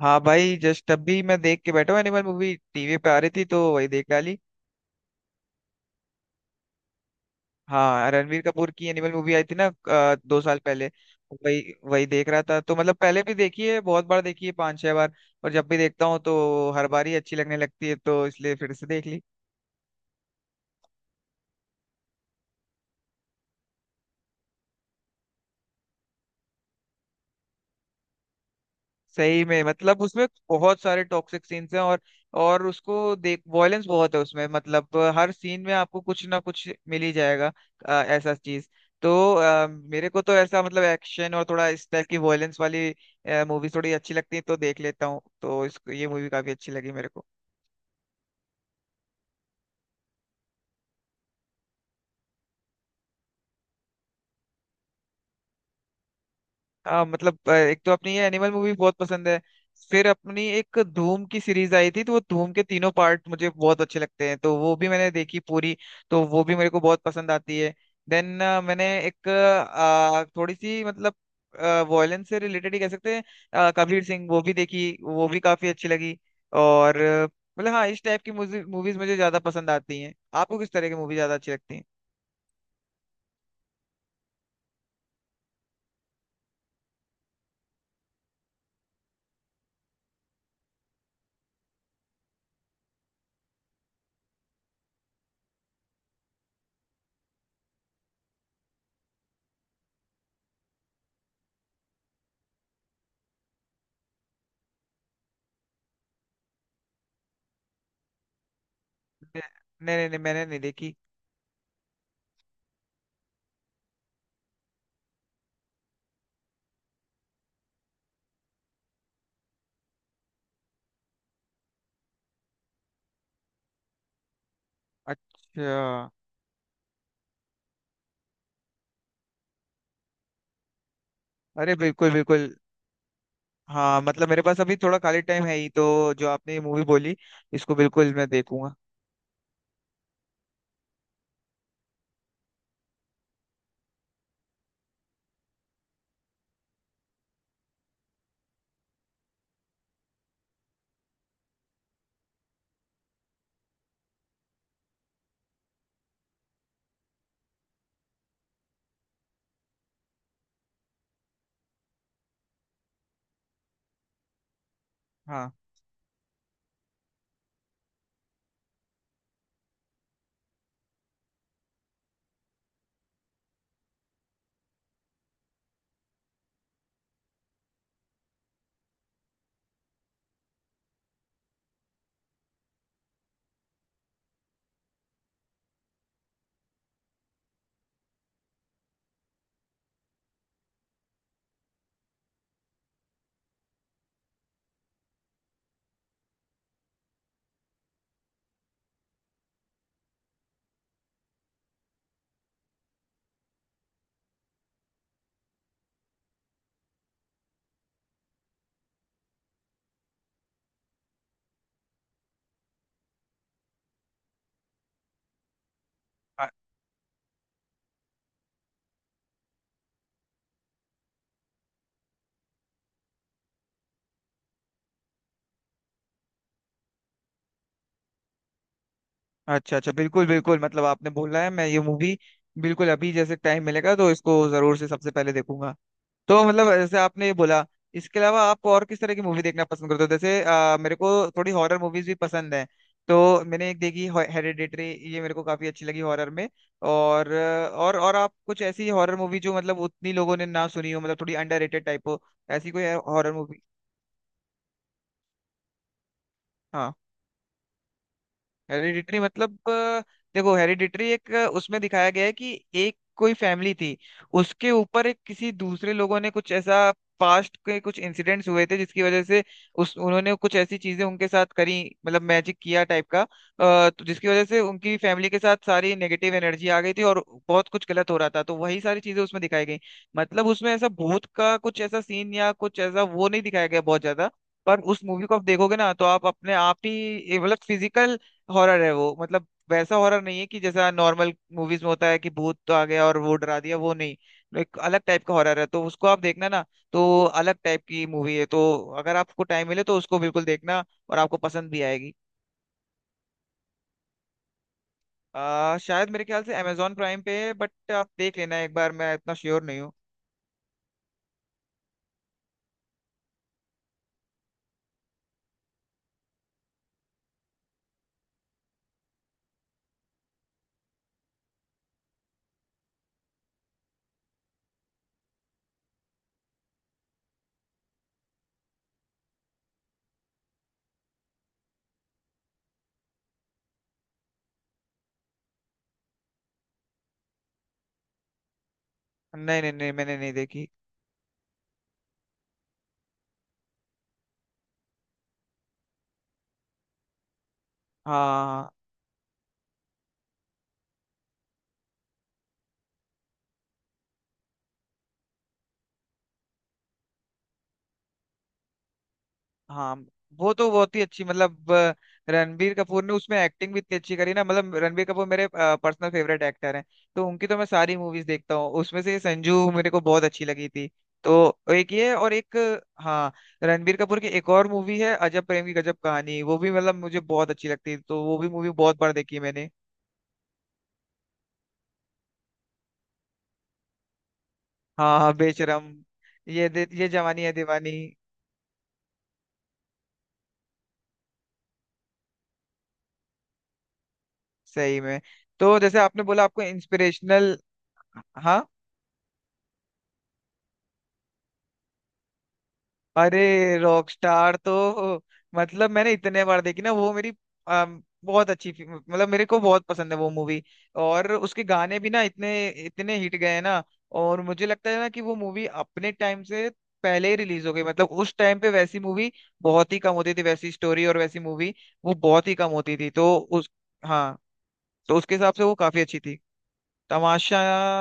हाँ भाई, जस्ट अभी मैं देख के बैठा हूँ। एनिमल मूवी टीवी पे आ रही थी तो वही देख डाली। हाँ, रणवीर कपूर की एनिमल मूवी आई थी ना 2 साल पहले। वही वही देख रहा था। तो मतलब पहले भी देखी है, बहुत बार देखी है, 5-6 बार। और जब भी देखता हूँ तो हर बार ही अच्छी लगने लगती है, तो इसलिए फिर से देख ली। सही में, मतलब उसमें बहुत सारे टॉक्सिक सीन्स हैं और उसको देख वॉयलेंस बहुत है उसमें। मतलब हर सीन में आपको कुछ ना कुछ मिल ही जाएगा, ऐसा चीज। तो मेरे को तो ऐसा, मतलब एक्शन और थोड़ा इस टाइप की वॉयलेंस वाली मूवी थोड़ी अच्छी लगती है तो देख लेता हूँ। तो इसको ये मूवी काफी अच्छी लगी मेरे को। हाँ मतलब, एक तो अपनी ये एनिमल मूवी बहुत पसंद है। फिर अपनी एक धूम की सीरीज आई थी, तो वो धूम के तीनों पार्ट मुझे बहुत अच्छे लगते हैं, तो वो भी मैंने देखी पूरी। तो वो भी मेरे को बहुत पसंद आती है। देन मैंने एक थोड़ी सी मतलब वॉयलेंस से रिलेटेड ही कह सकते हैं, कबीर सिंह, वो भी देखी, वो भी काफी अच्छी लगी। और मतलब हाँ, इस टाइप की मूवीज मुझे ज्यादा पसंद आती हैं। आपको किस तरह की मूवी ज्यादा अच्छी लगती है? नहीं नहीं नहीं, मैंने नहीं देखी। अच्छा। अरे बिल्कुल बिल्कुल। हाँ मतलब, मेरे पास अभी थोड़ा खाली टाइम है ही, तो जो आपने ये मूवी बोली, इसको बिल्कुल मैं देखूंगा। हाँ अ- अच्छा अच्छा बिल्कुल बिल्कुल, मतलब आपने बोला है, मैं ये मूवी बिल्कुल अभी जैसे टाइम मिलेगा तो इसको जरूर से सबसे पहले देखूंगा। तो मतलब जैसे आपने ये बोला, इसके अलावा आप और किस तरह की मूवी देखना पसंद करते हो? जैसे मेरे को थोड़ी हॉरर मूवीज भी पसंद है। तो मैंने एक देखी, हेरेडिटरी। ये मेरे को काफी अच्छी लगी हॉरर में। और और आप कुछ ऐसी हॉरर मूवी जो मतलब उतनी लोगों ने ना सुनी हो, मतलब थोड़ी अंडररेटेड टाइप हो। ऐसी कोई हॉरर मूवी। हाँ, हेरिडिटरी मतलब देखो, हेरिडिटरी एक उसमें दिखाया गया है कि एक कोई फैमिली थी। उसके ऊपर एक किसी दूसरे लोगों ने कुछ ऐसा, पास्ट के कुछ इंसिडेंट्स हुए थे जिसकी वजह से उस उन्होंने कुछ ऐसी चीजें उनके साथ करी। मतलब मैजिक किया टाइप का, तो जिसकी वजह से उनकी फैमिली के साथ सारी नेगेटिव एनर्जी आ गई थी और बहुत कुछ गलत हो रहा था, तो वही सारी चीजें उसमें दिखाई गई। मतलब उसमें ऐसा भूत का कुछ ऐसा सीन या कुछ ऐसा वो नहीं दिखाया गया बहुत ज्यादा। पर उस मूवी को आप देखोगे ना, तो आप अपने आप ही, ये मतलब फिजिकल हॉरर है वो। मतलब वैसा हॉरर नहीं है कि जैसा नॉर्मल मूवीज में होता है कि भूत तो आ गया और वो डरा दिया, वो नहीं। एक अलग टाइप का हॉरर है, तो उसको आप देखना ना। तो अलग टाइप की मूवी है, तो अगर आपको टाइम मिले तो उसको बिल्कुल देखना, और आपको पसंद भी आएगी। शायद मेरे ख्याल से अमेजोन प्राइम पे है, बट आप देख लेना एक बार, मैं इतना श्योर नहीं हूँ। नहीं नहीं नहीं, मैंने नहीं देखी। हाँ हाँ, हाँ। हाँ, वो तो बहुत ही अच्छी, मतलब रणबीर कपूर ने उसमें एक्टिंग भी इतनी अच्छी करी ना, मतलब रणबीर कपूर मेरे पर्सनल फेवरेट एक्टर हैं। तो उनकी तो मैं सारी मूवीज देखता हूँ, उसमें से संजू मेरे को बहुत अच्छी लगी थी। तो एक ये और एक हाँ। रणबीर कपूर की एक और मूवी है, अजब प्रेम की गजब कहानी, वो भी मतलब मुझे बहुत अच्छी लगती है, तो वो भी मूवी बहुत बार देखी है मैंने। हाँ हाँ, बेशरम। ये जवानी है दीवानी। सही में। तो जैसे आपने बोला आपको इंस्पिरेशनल। अरे, रॉकस्टार तो मतलब मैंने इतने बार देखी ना, वो मेरी बहुत अच्छी मतलब मेरे को बहुत पसंद है वो मूवी। और उसके गाने भी ना, इतने इतने हिट गए हैं ना। और मुझे लगता है ना कि वो मूवी अपने टाइम से पहले ही रिलीज हो गई। मतलब उस टाइम पे वैसी मूवी बहुत ही कम होती थी, वैसी स्टोरी और वैसी मूवी, वो बहुत ही कम होती थी, तो उस। हाँ, तो उसके हिसाब से वो काफी अच्छी थी। तमाशा।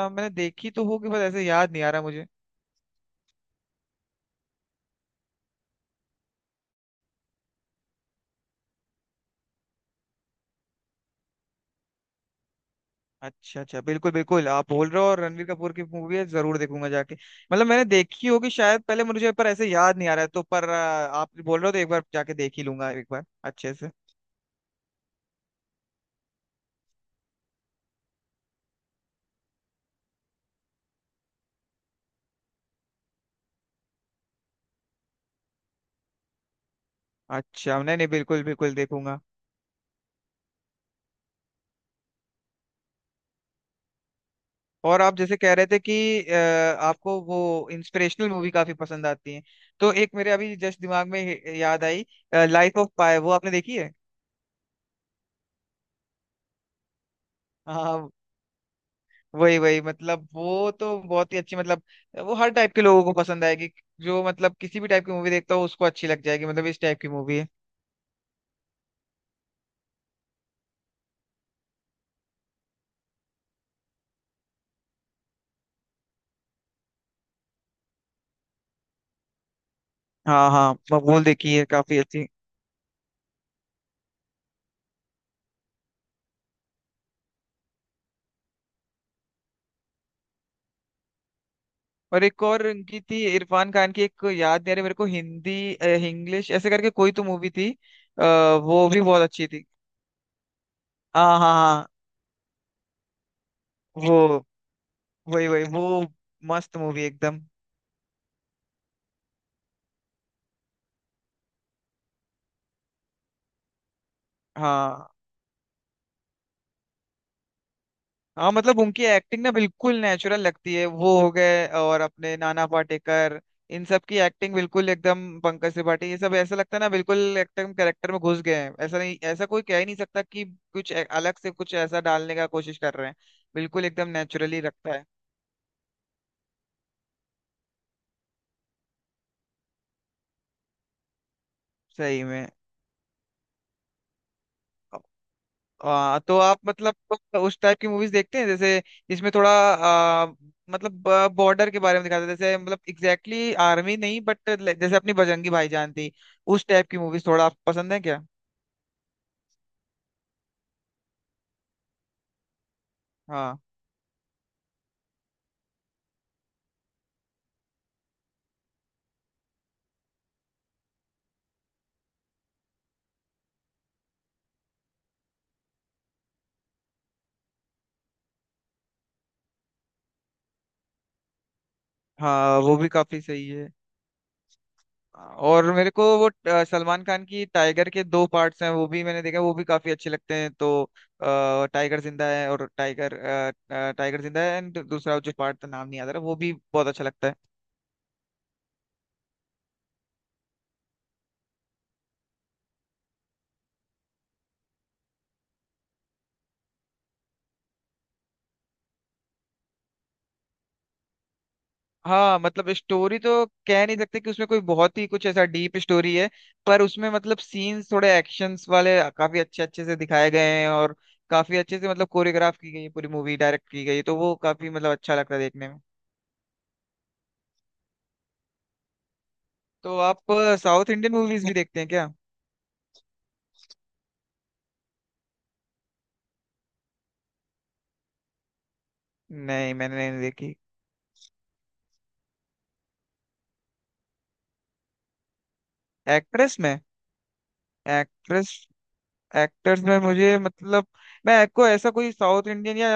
मैंने देखी तो होगी, बस ऐसे याद नहीं आ रहा। अच्छा अच्छा बिल्कुल बिल्कुल, आप बोल रहे हो और रणवीर कपूर की मूवी है, जरूर देखूंगा जाके। मतलब मैंने देखी होगी शायद पहले मुझे, पर ऐसे याद नहीं आ रहा है, तो पर आप बोल रहे हो तो एक बार जाके देख ही लूंगा एक बार अच्छे से। अच्छा नहीं नहीं, बिल्कुल बिल्कुल देखूंगा। और आप जैसे कह रहे थे कि आपको वो इंस्पिरेशनल मूवी काफी पसंद आती है। तो एक मेरे अभी जस्ट दिमाग में याद आई, लाइफ ऑफ पाई, वो आपने देखी है? हाँ, वही वही मतलब वो तो बहुत ही अच्छी, मतलब वो हर टाइप के लोगों को पसंद आएगी। जो मतलब किसी भी टाइप की मूवी देखता हो, उसको अच्छी लग जाएगी, मतलब इस टाइप की मूवी है। हाँ हाँ, मकबूल देखी है, काफी अच्छी। और एक और उनकी थी इरफान खान की, एक याद नहीं आ रही मेरे को, हिंदी इंग्लिश ऐसे करके कोई तो मूवी थी। वो भी बहुत अच्छी थी। हाँ हाँ हाँ। वो। वही वही वो। मस्त मूवी एकदम। हाँ। हाँ, मतलब उनकी एक्टिंग ना बिल्कुल नेचुरल लगती है, वो हो गए और अपने नाना पाटेकर। इन सब की एक्टिंग बिल्कुल एकदम, पंकज त्रिपाठी, ये सब ऐसा लगता है ना, बिल्कुल एकदम कैरेक्टर में घुस गए हैं, ऐसा नहीं ऐसा कोई कह ही नहीं सकता कि कुछ अलग से कुछ ऐसा डालने का कोशिश कर रहे हैं। बिल्कुल एकदम नेचुरली रखता है। सही में। तो आप मतलब तो उस टाइप की मूवीज देखते हैं जैसे, इसमें थोड़ा मतलब बॉर्डर के बारे में दिखाते हैं, जैसे मतलब एग्जैक्टली आर्मी नहीं बट जैसे अपनी बजरंगी भाईजान थी। उस टाइप की मूवीज थोड़ा आपको पसंद है क्या? हाँ हाँ, वो भी काफी सही है। और मेरे को वो सलमान खान की टाइगर के 2 पार्ट्स हैं, वो भी मैंने देखा, वो भी काफी अच्छे लगते हैं, तो टाइगर जिंदा है और टाइगर जिंदा है एंड दूसरा जो पार्ट का नाम नहीं याद आ रहा, वो भी बहुत अच्छा लगता है। हाँ मतलब, स्टोरी तो कह नहीं सकते कि उसमें कोई बहुत ही कुछ ऐसा डीप स्टोरी है। पर उसमें मतलब सीन्स थोड़े एक्शंस वाले काफी अच्छे अच्छे से दिखाए गए हैं, और काफी अच्छे से मतलब कोरियोग्राफ की गई है, पूरी मूवी डायरेक्ट की गई है, तो वो काफी मतलब अच्छा लगता है देखने में। तो आप साउथ इंडियन मूवीज भी देखते हैं क्या? नहीं, मैंने नहीं देखी। एक्ट्रेस में? एक्ट्रेस। एक्टर्स में मुझे मतलब, मैं को ऐसा कोई साउथ इंडियन या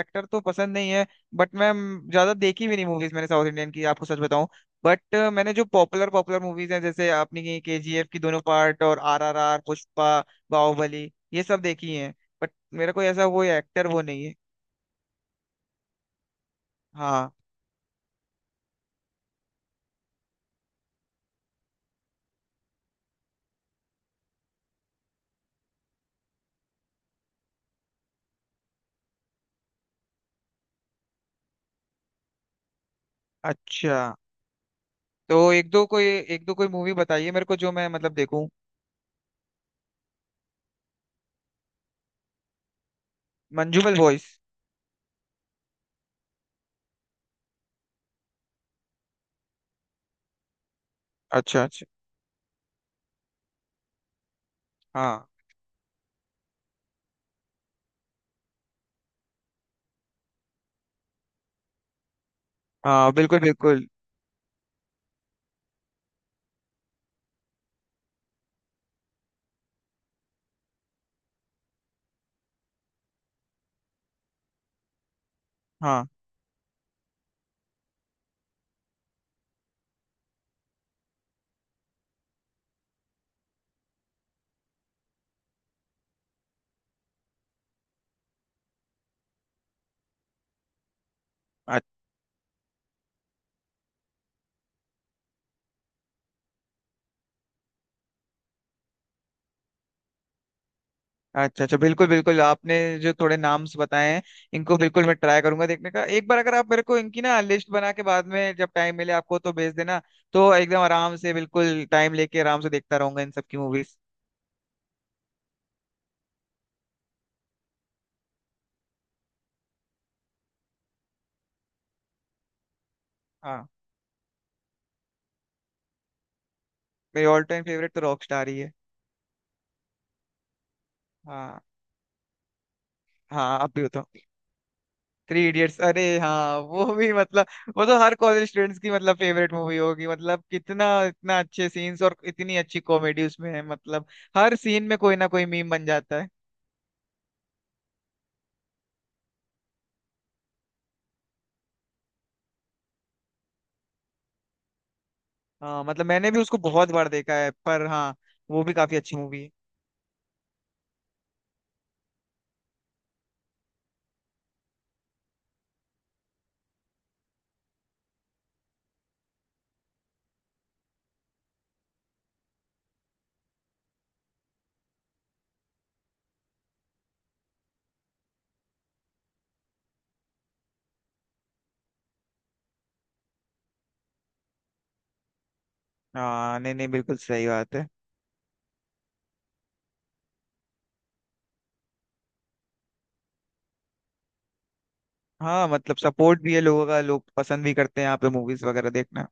एक्टर तो पसंद नहीं है, बट मैं ज्यादा देखी भी नहीं मूवीज मैंने साउथ इंडियन की, आपको सच बताऊं। बट मैंने जो पॉपुलर पॉपुलर मूवीज हैं, जैसे आपने KGF की दोनों पार्ट और RRR, पुष्पा, बाहुबली, ये सब देखी हैं। बट मेरा कोई ऐसा कोई एक्टर वो नहीं है। हाँ। अच्छा। तो एक दो कोई मूवी बताइए मेरे को जो मैं मतलब देखूं। मंजूबल बॉयज। अच्छा अच्छा। हाँ हाँ बिल्कुल बिल्कुल। हाँ। अच्छा अच्छा बिल्कुल बिल्कुल, आपने जो थोड़े नाम्स बताए हैं, इनको बिल्कुल मैं ट्राई करूंगा देखने का एक बार। अगर आप मेरे को इनकी ना लिस्ट बना के बाद में जब टाइम मिले आपको, तो भेज देना। तो एकदम आराम से बिल्कुल टाइम लेके आराम से देखता रहूंगा इन सब की मूवीज। हाँ, मेरी ऑल टाइम फेवरेट तो रॉक स्टार ही है। हाँ हाँ, आप भी हो तो। थ्री इडियट्स, अरे हाँ, वो भी मतलब वो तो हर कॉलेज स्टूडेंट्स की मतलब फेवरेट मूवी होगी। मतलब कितना इतना अच्छे सीन्स और इतनी अच्छी कॉमेडी उसमें है, मतलब हर सीन में कोई ना कोई मीम बन जाता है। हाँ मतलब, मैंने भी उसको बहुत बार देखा है, पर हाँ वो भी काफी अच्छी मूवी है। हाँ, नहीं नहीं, बिल्कुल सही बात है। हाँ मतलब, सपोर्ट भी है लोगों का, लोग पसंद भी करते हैं यहाँ पे मूवीज वगैरह देखना।